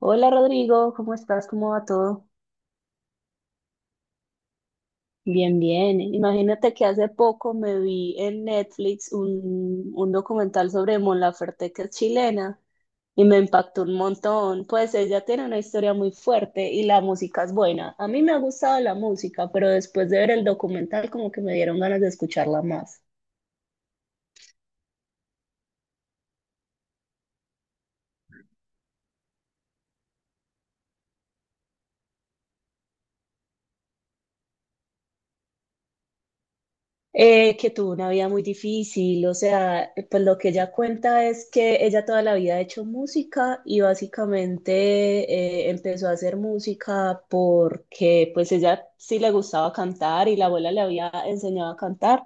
Hola Rodrigo, ¿cómo estás? ¿Cómo va todo? Bien, bien. Imagínate que hace poco me vi en Netflix un documental sobre Mon Laferte, que es chilena, y me impactó un montón. Pues ella tiene una historia muy fuerte y la música es buena. A mí me ha gustado la música, pero después de ver el documental como que me dieron ganas de escucharla más. Que tuvo una vida muy difícil, o sea, pues lo que ella cuenta es que ella toda la vida ha hecho música y básicamente empezó a hacer música porque pues ella sí le gustaba cantar y la abuela le había enseñado a cantar,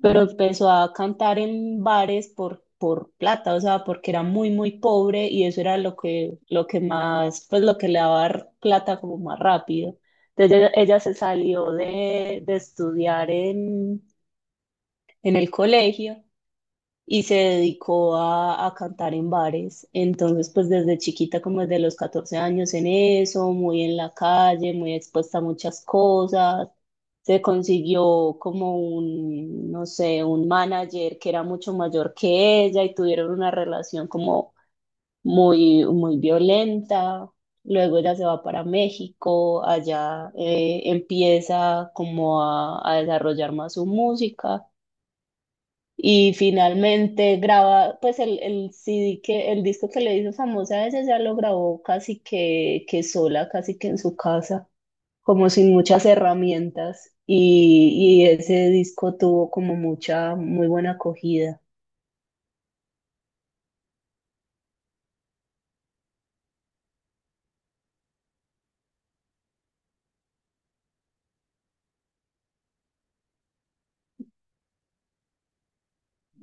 pero empezó a cantar en bares por plata, o sea, porque era muy, muy pobre y eso era lo que, más, pues lo que le daba plata como más rápido. Entonces ella se salió de estudiar en el colegio y se dedicó a cantar en bares. Entonces, pues desde chiquita, como desde los 14 años en eso, muy en la calle, muy expuesta a muchas cosas. Se consiguió como un, no sé, un manager que era mucho mayor que ella y tuvieron una relación como muy, muy violenta. Luego ella se va para México, allá empieza como a desarrollar más su música y finalmente graba, pues el CD que, el disco que le hizo famosa. A ese ya lo grabó casi que, sola, casi que en su casa, como sin muchas herramientas. Y ese disco tuvo como mucha, muy buena acogida.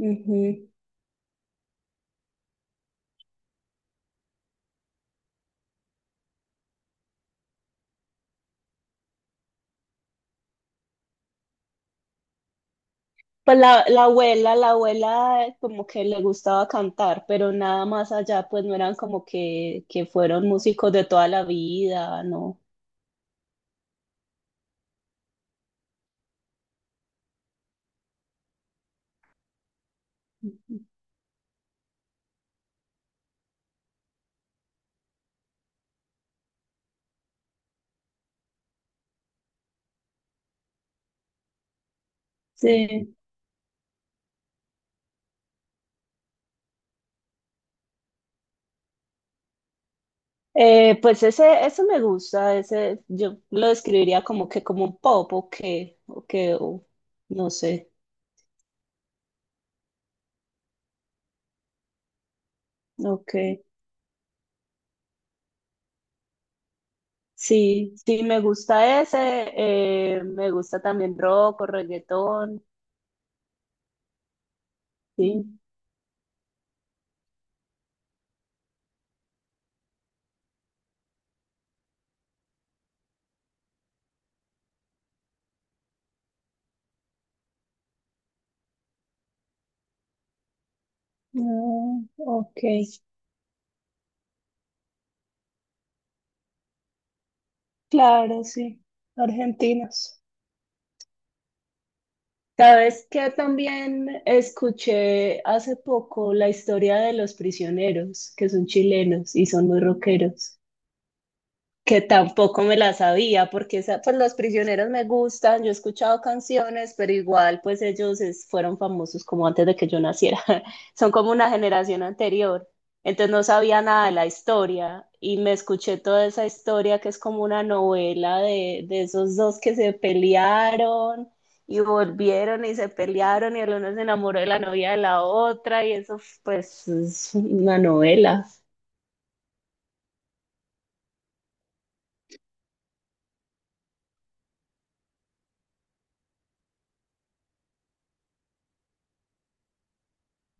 Ujú. Pues la abuela como que le gustaba cantar, pero nada más allá, pues no eran como que, fueron músicos de toda la vida, ¿no? Ujú. Sí. Pues ese, eso me gusta, yo lo describiría como que como un pop o no sé, ok. Sí, sí me gusta ese, me gusta también rock o reggaetón, sí. Mm, ok, claro, sí, argentinos. ¿Sabes qué? También escuché hace poco la historia de los prisioneros, que son chilenos y son muy rockeros. Que tampoco me la sabía, porque esa, pues los prisioneros me gustan, yo he escuchado canciones, pero igual pues ellos fueron famosos como antes de que yo naciera, son como una generación anterior, entonces no sabía nada de la historia y me escuché toda esa historia que es como una novela de esos dos que se pelearon y volvieron y se pelearon y el uno se enamoró de la novia de la otra y eso pues es una novela.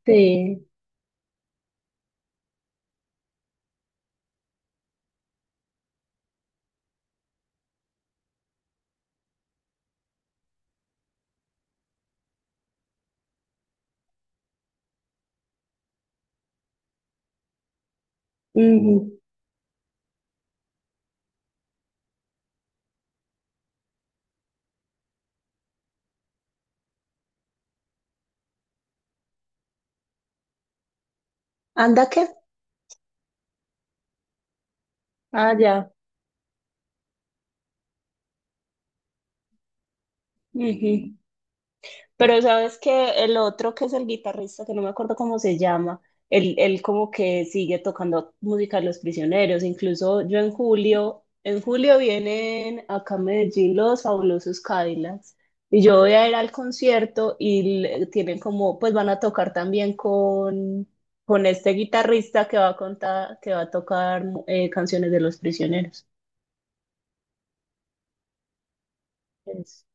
Sí. Ujú. ¿Anda qué? Ah, ya. Ujú. Pero sabes que el otro, que es el guitarrista, que no me acuerdo cómo se llama, él como que sigue tocando música de los prisioneros. Incluso yo en julio vienen acá a Medellín los fabulosos Cadillacs. Y yo voy a ir al concierto y tienen como, pues van a tocar también con este guitarrista que va a tocar canciones de los prisioneros. Es-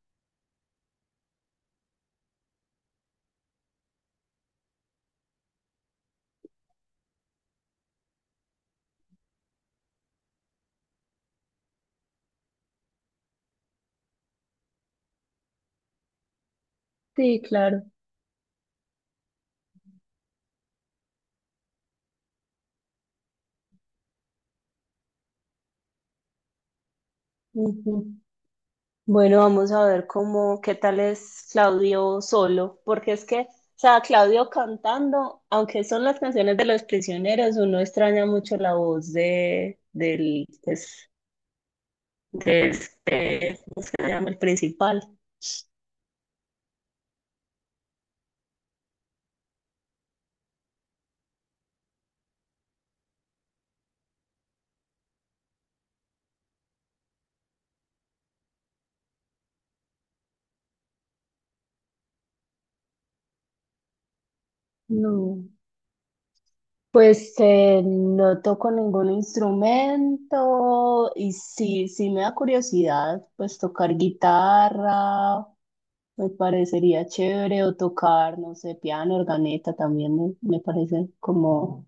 Sí, claro. Ujú. Bueno, vamos a ver cómo, qué tal es Claudio solo, porque es que, o sea, Claudio cantando, aunque son las canciones de los prisioneros, uno extraña mucho la voz del, pues, de este, ¿cómo se llama? El principal. No. Pues no toco ningún instrumento y sí, sí me da curiosidad, pues tocar guitarra me parecería chévere o tocar, no sé, piano, organeta también me parece como,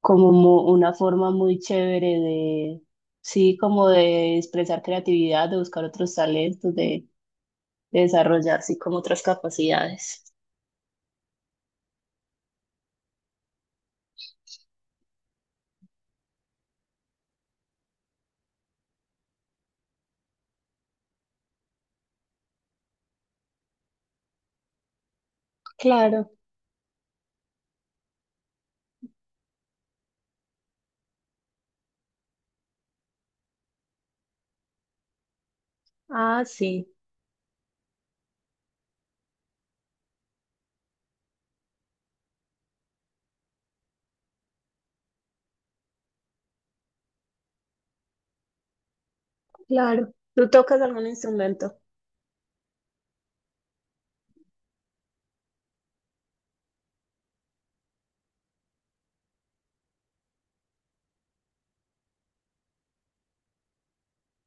una forma muy chévere de, sí, como de expresar creatividad, de buscar otros talentos, de desarrollar, sí, como otras capacidades. Claro, ah, sí, claro. ¿Tú tocas algún instrumento?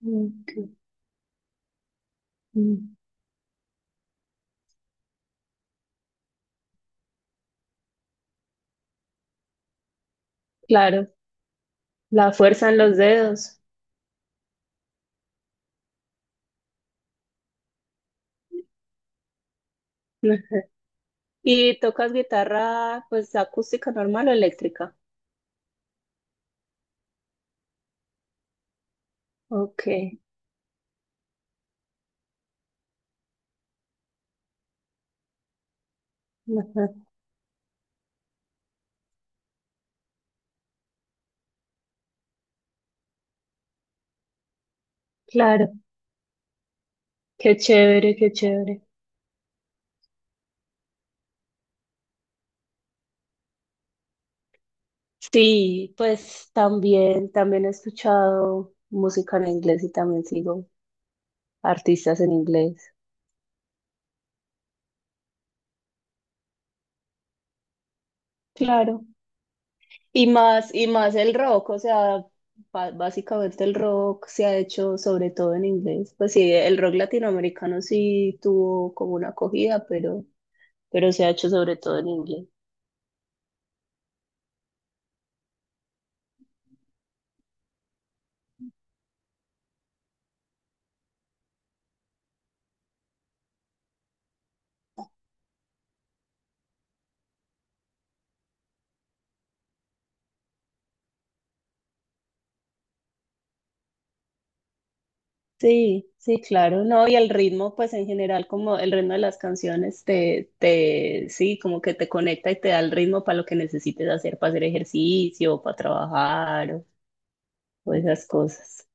Ok. Mm. Claro, la fuerza en los dedos. Ujú. ¿Y tocas guitarra, pues, acústica normal o eléctrica? Ok, ajá, claro, qué chévere, qué chévere. Sí, pues también he escuchado música en inglés y también sigo artistas en inglés. Claro. Y más el rock, o sea, básicamente el rock se ha hecho sobre todo en inglés. Pues sí, el rock latinoamericano sí tuvo como una acogida, pero se ha hecho sobre todo en inglés. Sí, sí, claro, no, y el ritmo, pues en general, como el ritmo de las canciones sí, como que te conecta y te da el ritmo para lo que necesites hacer, para hacer ejercicio, para trabajar o esas cosas.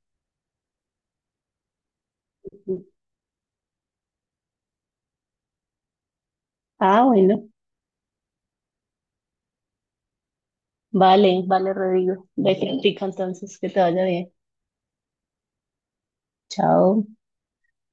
Ah, bueno, vale, vale, Rodrigo, de practica entonces, que te vaya bien. Chao.